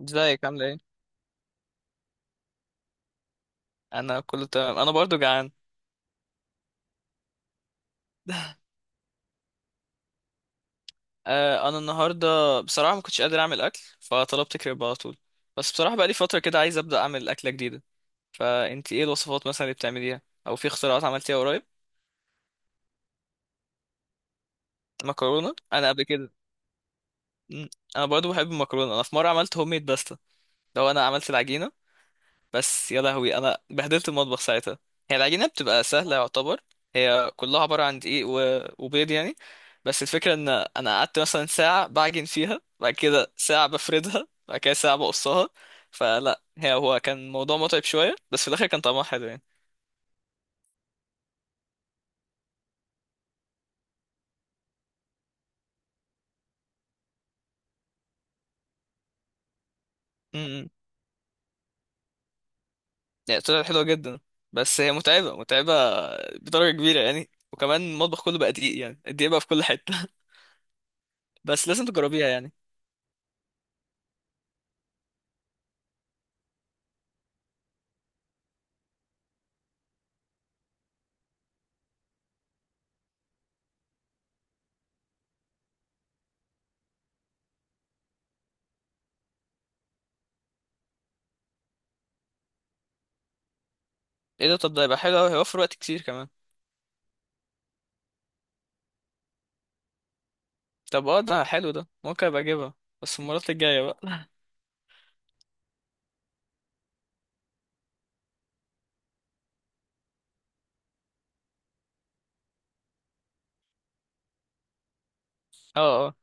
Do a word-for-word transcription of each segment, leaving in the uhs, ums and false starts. ازيك؟ عامله ايه؟ انا كله تمام، انا برضو جعان. آه انا النهارده بصراحه ما كنتش قادر اعمل اكل فطلبت كريب على طول. بس بصراحه بقى لي فتره كده عايز ابدا اعمل اكله جديده. فانت ايه الوصفات مثلا اللي بتعمليها؟ او في اختراعات عملتيها قريب؟ مكرونه، انا قبل كده مم، انا برضو بحب المكرونه. انا في مره عملت هوم ميد باستا، لو انا عملت العجينه. بس يا لهوي انا بهدلت المطبخ ساعتها. هي العجينه بتبقى سهله يعتبر، هي كلها عباره عن دقيق و- وبيض يعني. بس الفكره ان انا قعدت مثلا ساعه بعجن فيها، بعد كده ساعه بفردها، بعد كده ساعه بقصها. فلا هي هو كان الموضوع متعب شويه، بس في الاخر كان طعمها حلو يعني. امم يعني طلعت حلوه جدا، بس هي متعبه متعبه بدرجه كبيره يعني، وكمان المطبخ كله بقى دقيق، يعني الدقيق بقى في كل حته. بس لازم تجربيها يعني. ايه ده؟ طب ده هيبقى حلو أوي، هيوفر وقت كتير كمان. طب اه، ده حلو، ده ممكن ابقى اجيبها بس المرات الجاية بقى. اه اه.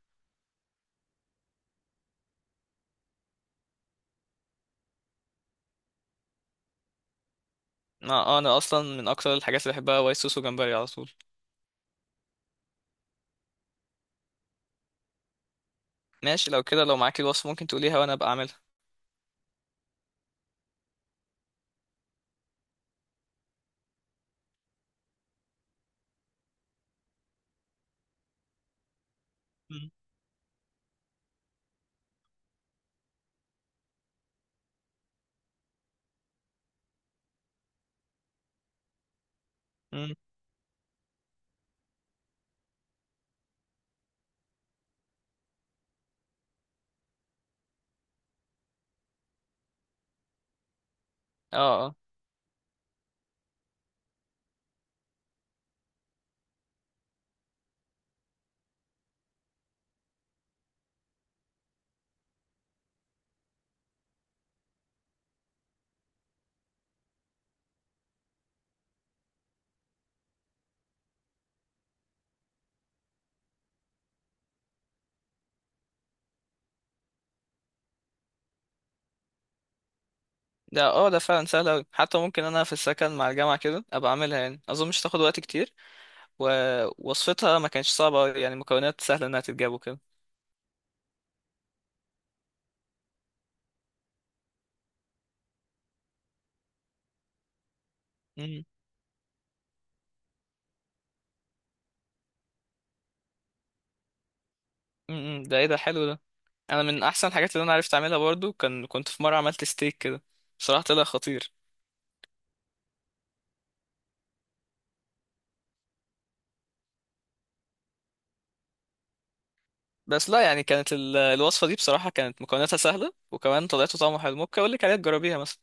انا آه، انا اصلا من اكتر الحاجات اللي بحبها وايت صوص وجمبري على طول. ماشي، لو كده لو معاك الوصف ممكن تقوليها وانا ابقى اعملها. مم. مم. اه اه. ده اه، ده فعلا سهل اوي، حتى ممكن انا في السكن مع الجامعة كده ابقى اعملها يعني، اظن مش تاخد وقت كتير. ووصفتها ما كانتش صعبة يعني، مكونات سهلة انها تتجاب وكده. مم. مم. مم. ده ايه ده؟ حلو ده. انا من احسن الحاجات اللي انا عرفت اعملها برضو كان، كنت في مرة عملت ستيك كده بصراحة طلع خطير. بس لا يعني كانت ال- الوصفة دي بصراحة كانت مكوناتها سهلة وكمان طلعت طعمها حلو. ممكن اقول لك عليها تجربيها مثلا.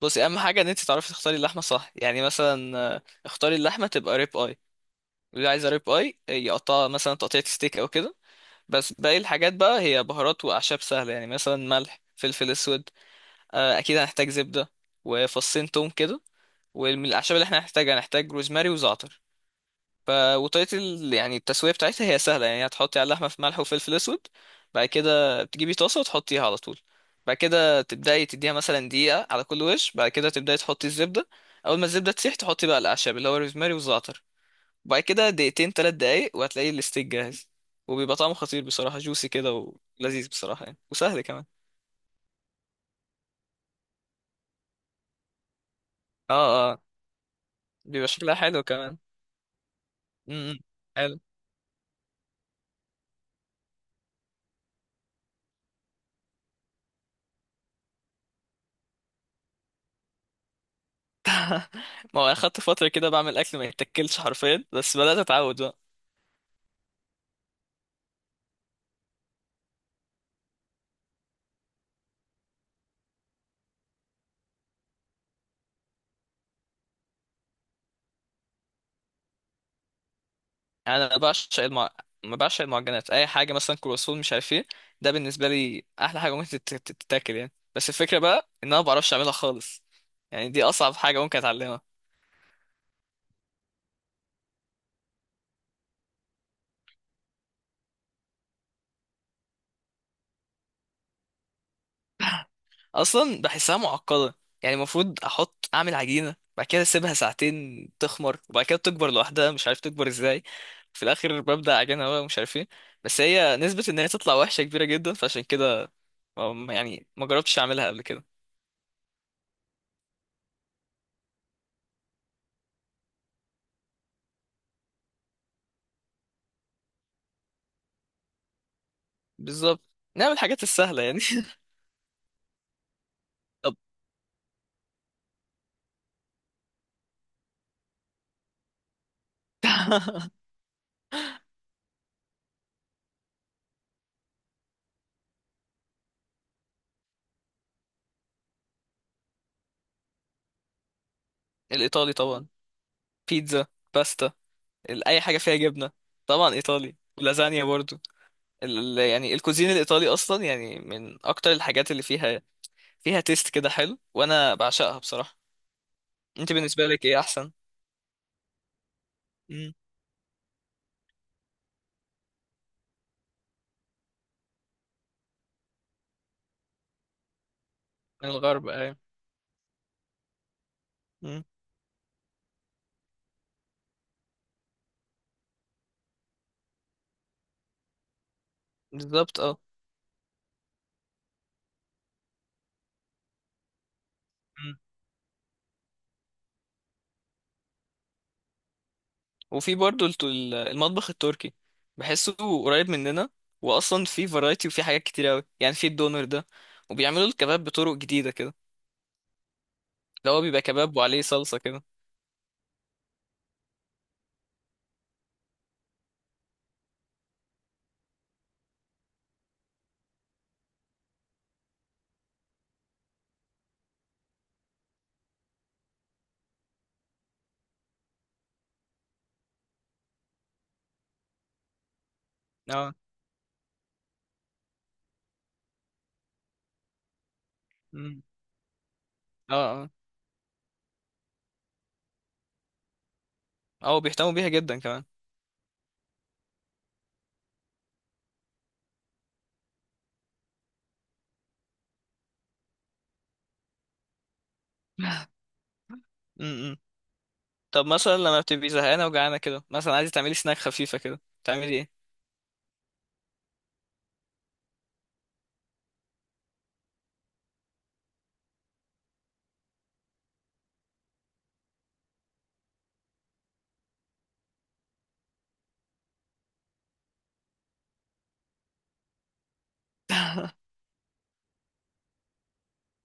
بصي، اهم حاجة ان انت تعرفي تختاري اللحمة صح. يعني مثلا آه، اختاري اللحمة تبقى ريب اي، اللي عايزة ريب اي يقطعها مثلا تقطيعة ستيك او كده. بس باقي الحاجات بقى هي بهارات واعشاب سهلة يعني، مثلا ملح، فلفل اسود، آه، اكيد هنحتاج زبدة وفصين توم كده. ومن الاعشاب اللي احنا هنحتاجها هنحتاج روزماري وزعتر. ف وطريقة ال... يعني التسوية بتاعتها هي سهلة يعني. هتحطي على اللحمة في ملح وفلفل أسود، بعد كده بتجيبي طاسة وتحطيها على طول، بعد كده تبدأي تديها مثلا دقيقة على كل وش، بعد كده تبدأي تحطي الزبدة. أول ما الزبدة تسيح تحطي بقى الأعشاب اللي هو الروزماري والزعتر، بعد كده دقيقتين تلات دقايق وهتلاقي الستيك جاهز. وبيبقى طعمه خطير بصراحة، جوسي كده ولذيذ بصراحة يعني، وسهل كمان. اه اه. بيبقى شكلها حلو كمان. امم حلو. ما هو أنا خدت فترة كده بعمل أكل ما يتاكلش حرفيا، بس بدأت أتعود بقى. انا بعشق المع... ما بعشق المعجنات. اي حاجه مثلا كرواسون مش عارف ايه، ده بالنسبه لي احلى حاجه ممكن تت- تت- تتاكل يعني. بس الفكره بقى ان انا ما بعرفش اعملها خالص، يعني دي اصعب حاجه ممكن اتعلمها. اصلا بحسها معقده. يعني المفروض احط، اعمل عجينه بعد كده اسيبها ساعتين تخمر، وبعد كده تكبر لوحدها مش عارف تكبر ازاي، في الاخر ببدا عجينه بقى مش عارف ايه. بس هي نسبه ان هي تطلع وحشه كبيره جدا، فعشان كده ما- يعني ما جربتش اعملها قبل كده. بالظبط، نعمل الحاجات السهله يعني. طب. الايطالي طبعا. بيتزا، باستا، ال- اي حاجه فيها جبنه. طبعا ايطالي، ولازانيا برضو. ال ال- يعني الكوزين الايطالي اصلا يعني من اكتر الحاجات اللي فيها، فيها تيست كده حلو، وانا بعشقها بصراحه. انت بالنسبه لك ايه احسن؟ مم. من الغرب، ايوه. مم. بالظبط اه. مم. وفي برضو الت- ال- المطبخ التركي، بحسه قريب مننا. واصلا في فرايتي وفي حاجات كتير قوي يعني، في الدونر ده، وبيعملوا الكباب بطرق جديده كده اللي هو بيبقى كباب وعليه صلصه كده. اه. مم. اه، او بيهتموا بيها جدا كمان. امم. طب مثلا لما بتبقي زهقانه وجعانه كده، مثلا عايزه تعملي سناك خفيفه كده تعملي ايه؟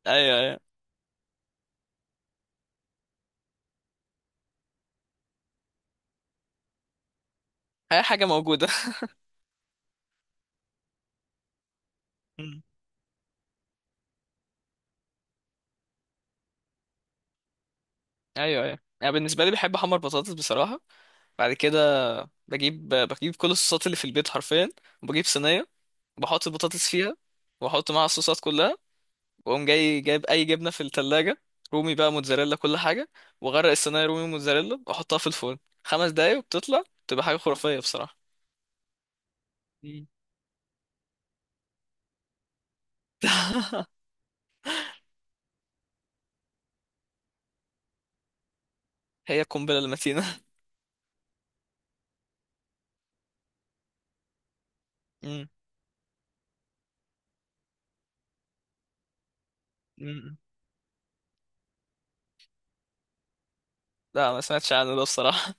ايوه ايوه، اي حاجه موجوده. مم. ايوه ايوه، انا بالنسبه لي بحب احمر بطاطس بصراحه. بعد كده بجيب بجيب كل الصوصات اللي في البيت حرفيا، وبجيب صينيه بحط البطاطس فيها، واحط معاها الصوصات كلها، واقوم جاي جايب اي جبنه في التلاجة، رومي بقى، موتزاريلا، كل حاجه، واغرق الصينيه رومي موتزاريلا واحطها في الفرن خمس دقايق، وبتطلع تبقى حاجه خرافيه بصراحه. مم. هي القنبلة المتينة. مم. مم. لا ما سمعتش عنه ده الصراحة.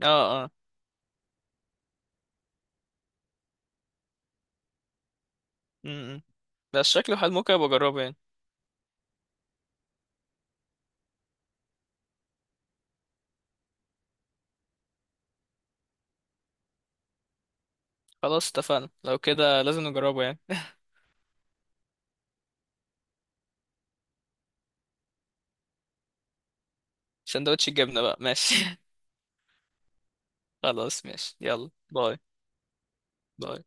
اه اه. مم. بس شكله حلو، ممكن ابقى اجربه يعني. خلاص اتفقنا، لو كده لازم نجربه يعني. سندوتش الجبنة بقى ماشي. خلاص ماشي، يلا باي باي.